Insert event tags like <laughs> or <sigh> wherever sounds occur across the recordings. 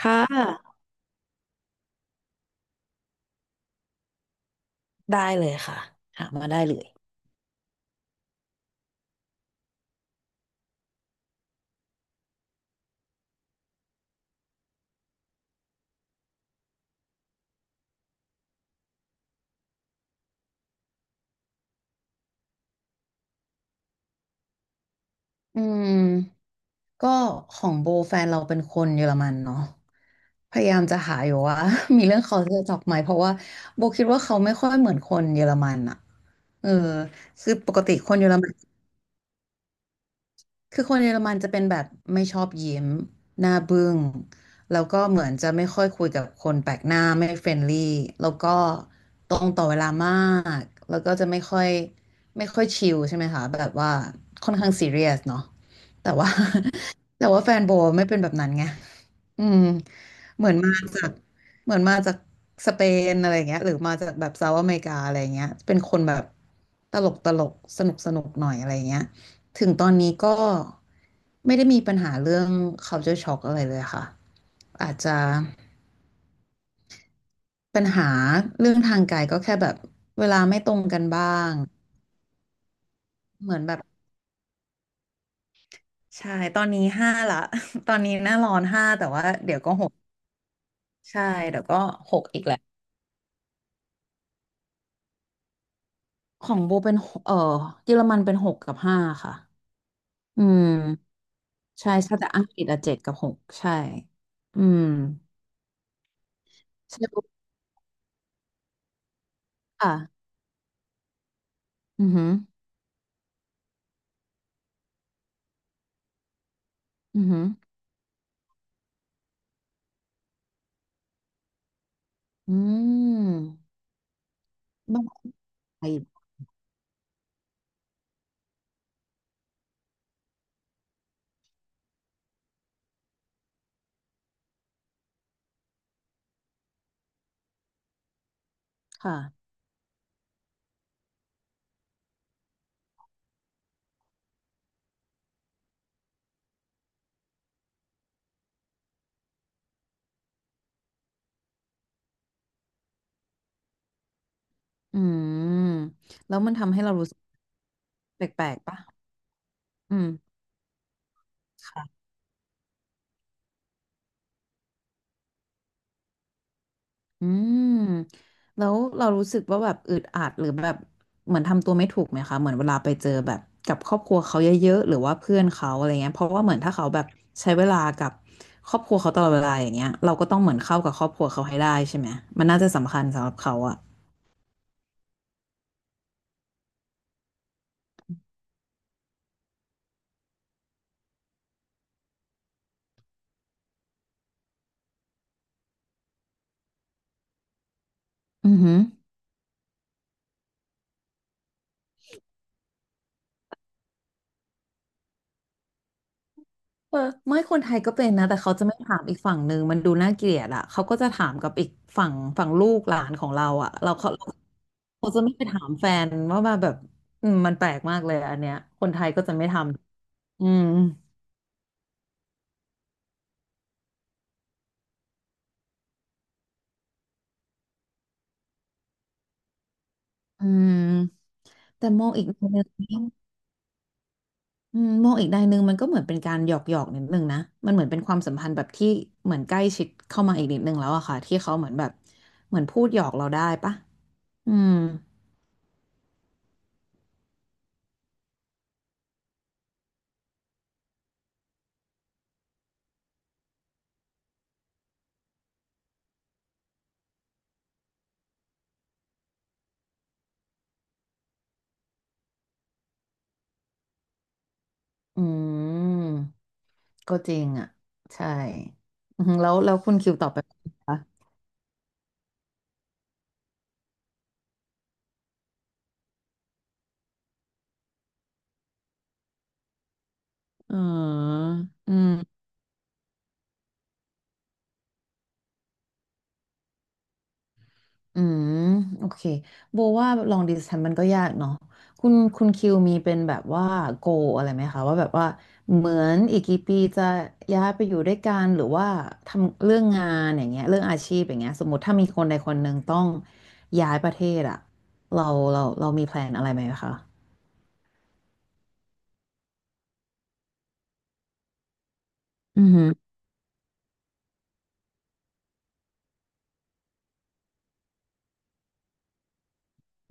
ค่ะได้เลยค่ะหามาได้เลยอืมก็ของโบแฟนเราเป็นคนเยอรมันเนาะพยายามจะหาอยู่ว่า <laughs> มีเรื่องเขาจะจับไหมเพราะว่าโบคิดว่าเขาไม่ค่อยเหมือนคนเยอรมันอะเออคือปกติคนเยอรมัน คือคนเยอรมันจะเป็นแบบไม่ชอบยิ้มหน้าบึ้งแล้วก็เหมือนจะไม่ค่อยคุยกับคนแปลกหน้าไม่เฟรนลี่แล้วก็ตรงต่อเวลามากแล้วก็จะไม่ค่อยชิลใช่ไหมคะแบบว่าค่อนข้างซีเรียสเนาะแต่ว่า <laughs> แต่ว่าแฟนโบไม่เป็นแบบนั้นไงอืมเหมือนมาจากเหมือนมาจากสเปนอะไรอย่างเงี้ยหรือมาจากแบบเซาท์อเมริกาอะไรอย่างเงี้ยเป็นคนแบบตลกตลกสนุกสนุกหน่อยอะไรอย่างเงี้ย ถึงตอนนี้ก็ไม่ได้มีปัญหาเรื่อง culture shock อะไรเลยค่ะอาจจะปัญหาเรื่องทางกายก็แค่แบบเวลาไม่ตรงกันบ้างเหมือนแบบใช่ตอนนี้ห้าละ <laughs> ตอนนี้หน้าร้อนห้าแต่ว่าเดี๋ยวก็หกใช่เดี๋ยวก็หกอีกแหละของโบเป็นหกเออเยอรมันเป็นหกกับห้าค่ะอืมใช่ใช่แต่อังกฤษอะเจ็ดกับหกใช่อืมใช่ค่ะอือหืออือหืออืม ไปค่ะอืมแล้วมันทำให้เรารู้สึกแปลกๆปะอืมค่ะอืมแล้วเรารู้สึกว่าแบบอึดอัดหรือแบบเหมือนทำตัวไม่ถูกไหมคะเหมือนเวลาไปเจอแบบกับครอบครัวเขาเยอะๆหรือว่าเพื่อนเขาอะไรเงี้ยเพราะว่าเหมือนถ้าเขาแบบใช้เวลากับครอบครัวเขาตลอดเวลาอย่างเงี้ยเราก็ต้องเหมือนเข้ากับครอบครัวเขาให้ได้ใช่ไหมมันน่าจะสำคัญสำหรับเขาอะอือหือ เออไม่คนไทยก็เป็นนะแต่เขาจะไม่ถามอีกฝั่งหนึ่งมันดูน่าเกลียดอ่ะเขาก็จะถามกับอีกฝั่งฝั่งลูกหลานของเราอ่ะเขาเขาจะไม่ไปถามแฟนว่ามาแบบอืมมันแปลกมากเลยอันเนี้ยคนไทยก็จะไม่ทำอืมอืมแต่มองอีกในหนึ่งอืมมองอีกในหนึ่งมันก็เหมือนเป็นการหยอกหยอกนิดนึงนะมันเหมือนเป็นความสัมพันธ์แบบที่เหมือนใกล้ชิดเข้ามาอีกนิดนึงแล้วอะค่ะที่เขาเหมือนแบบเหมือนพูดหยอกเราได้ปะอืม อืมก็จริงอ่ะใช่อืมแล้วคุณคิวตอบไปอืมอืมอืมโอเคโบว่า long distance มันก็ยากเนาะคุณคิวมีเป็นแบบว่า goal อะไรไหมคะว่าแบบว่าเหมือนอีกกี่ปีจะย้ายไปอยู่ด้วยกันหรือว่าทำเรื่องงานอย่างเงี้ยเรื่องอาชีพอย่างเงี้ยสมมติถ้ามีคนใดคนหนึ่งต้องย้ายประเทศอะเราเรามีแพลนอะไรไหมคะอืมอหือ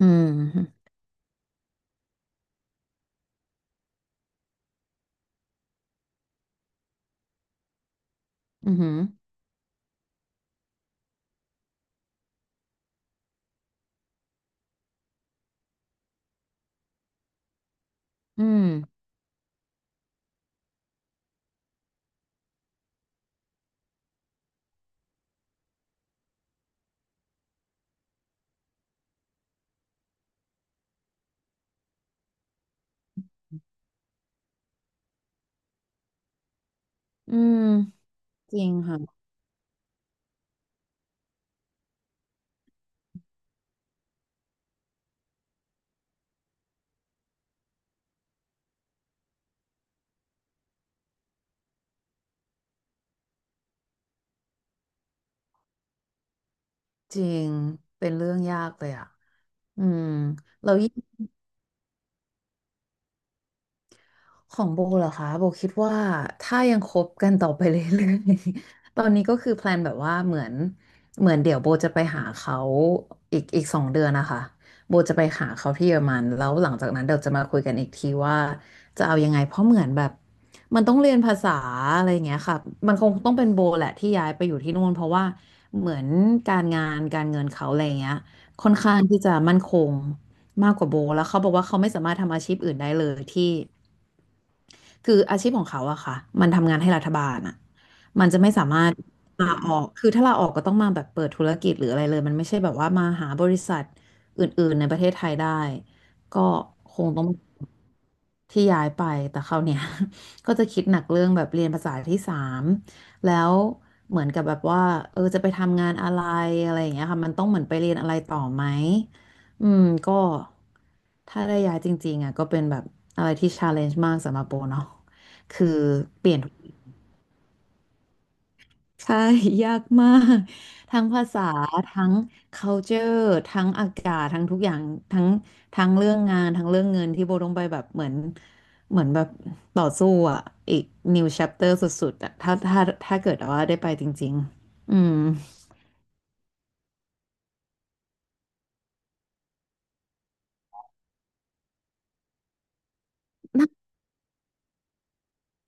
อืมอืมอหืออืม อืมจริงค่ะจริงเป็นเรื่องยากเลยอ่ะอืมเรายิ่ง ของโบเหรอคะโบคิดว่าถ้ายังคบกันต่อไปเรื่อยๆ <laughs> ตอนนี้ก็คือแพลนแบบว่าเหมือนเดี๋ยวโบจะไปหาเขาอีก2 เดือนนะคะโบจะไปหาเขาที่เยอรมันแล้วหลังจากนั้นเดี๋ยวจะมาคุยกันอีกทีว่าจะเอายังไงเพราะเหมือนแบบมันต้องเรียนภาษาอะไรอย่างเงี้ยค่ะมันคงต้องเป็นโบแหละที่ย้ายไปอยู่ที่นู่นเพราะว่าเหมือนการงานการเงินเขาอะไรอย่างเงี้ยค่อนข้างที่จะมั่นคงมากกว่าโบแล้วเขาบอกว่าเขาไม่สามารถทำอาชีพอื่นได้เลยที่ คืออาชีพของเขาอะค่ะ มันทำงานให้รัฐบาลอะมันจะไม่สามารถลาออก คือถ้าลาออกก็ต้องมาแบบเปิดธุรกิจหรืออะไรเลยมันไม่ใช่แบบว่ามาหาบริษัทอื่นๆในประเทศไทยได้ ก็คงต้องที่ย้ายไป แต่เขาวเนี่ย <laughs> ก็จะคิดหนักเรื่องแบบเรียนภาษาที่สามแล้วเหมือนกับแบบว่าเออจะไปทำงานอะไรอะไรอย่างเงี้ยค่ะ มันต้องเหมือนไปเรียนอะไรต่อไหม อืมก็ถ้าได้ย้ายจริงๆอ่ะก็เป็นแบบอะไรที่ชาเลนจ์มากสำหรับโบเนาะคือเปลี่ยนทุกใช่ <laughs> ยากมากทั้งภาษาทั้ง culture ทั้งอากาศทั้งทุกอย่างทั้งทั้งเรื่องงานทั้งเรื่องเงินที่โบต้องไปแบบเหมือนแบบต่อสู้อ่ะอีก new chapter สุดๆอ่ะถ้าเกิดว่าได้ไปจริงๆอืม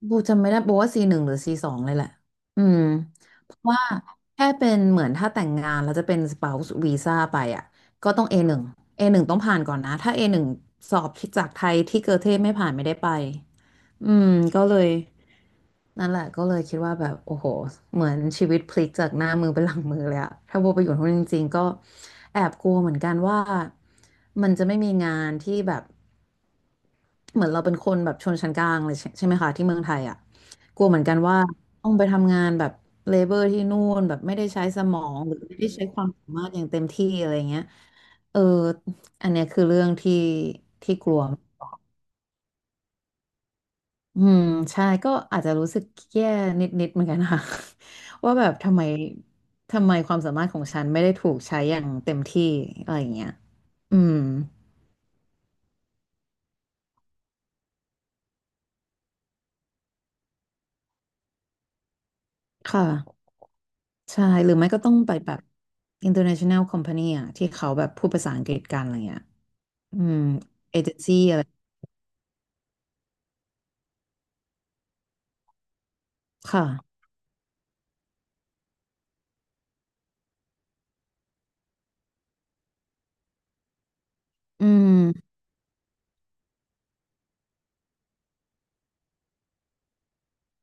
โบจำไม่ได้โบว่า C1หรือ C2เลยแหละ อืม เพราะว่าแค่เป็นเหมือนถ้าแต่งงานแล้วจะเป็น spouse visa ไปอ่ะก็ต้อง A1 A1ต้องผ่านก่อนนะถ้า A หนึ่งสอบที่จากไทยที่เกอเทไม่ผ่านไม่ได้ไปอืมก็เลยนั่นแหละก็เลยคิดว่าแบบโอ้โหเหมือนชีวิตพลิกจากหน้ามือเป็นหลังมือเลยอะถ้าโบไปอยู่ที่นู่นจริงๆก็แอบกลัวเหมือนกันว่ามันจะไม่มีงานที่แบบ เหมือนเราเป็นคนแบบชนชั้นกลางเลยใช่ไหมคะที่เมืองไทยอ่ะกลัวเหมือนกันว่าต้องไปทำงานแบบเลเบอร์ที่นู่นแบบไม่ได้ใช้สมองหรือไม่ได้ใช้ความสามารถอย่างเต็มที่อะไรเงี้ยเอออันเนี้ยคือเรื่องที่ที่กลัวอืมใช่ก็อาจจะรู้สึกแย่นิดๆเหมือนกันค่ะ <laughs> ว่าแบบทำไมความสามารถของฉันไม่ได้ถูกใช้อย่างเต็มที่อะไรอย่างเงี้ยอืมค่ะ ใช่หรือไม่ก็ต้องไปแบบ international company อะที่เขาแบบพูดภาษาอังกฤษกันอะไรเงี้ยอืมเอเจนซี่อะไรค่ะอืม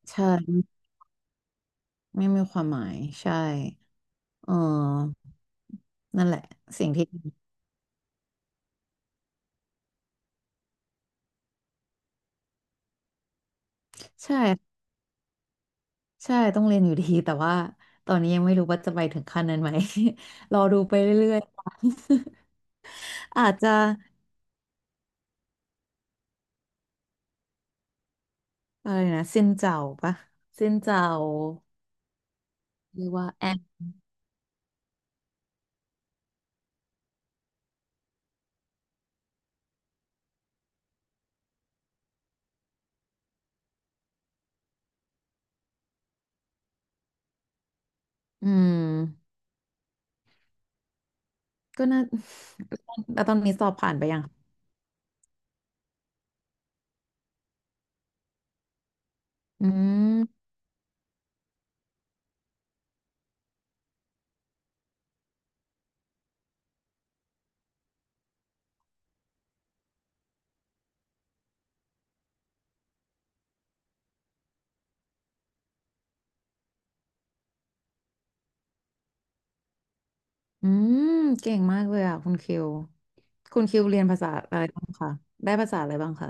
ใช่ไม่มีความหมายใช่เออนั่นแหละสิ่งที่ใช่ใช่ต้องเรียนอยู่ดีแต่ว่าตอนนี้ยังไม่รู้ว่าจะไปถึงขั้นนั้นไหม <laughs> รอดูไปเรื่อยๆ <laughs> ค่ะ <laughs> อาจจะอะไรนะซินเจ้าปะซินเจ้าหรือว่าแอมอืม ก็น่า <laughs> แล้วตอนนี้สอบผ่านไปยังอืมอืมเก่งมากเลยอ่ะคุณคิวคุณคิวเรียนภาษาอะไรบ้างคะได้ภาษาอะไรบ้างคะ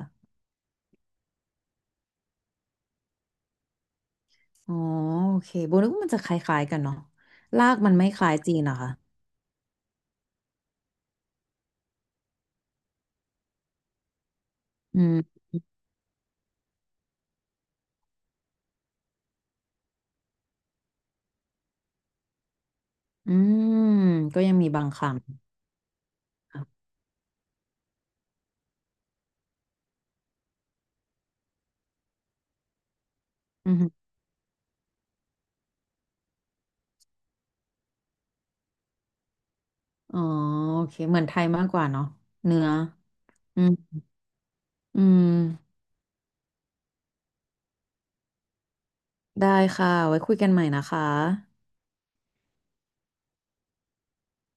อ๋อโอเคโบนึกว่ามันจะคล้ายๆกันเนาะลากมันไม่คล้ายจีนเหรอคะอืมอืมก็ยังมีบางคำค่ะอืมอ๋อโอเคเหมือนไทยมากกว่าเนาะเนื้ออืมอืมได้ค่ะไว้คุยกันใหม่นะคะ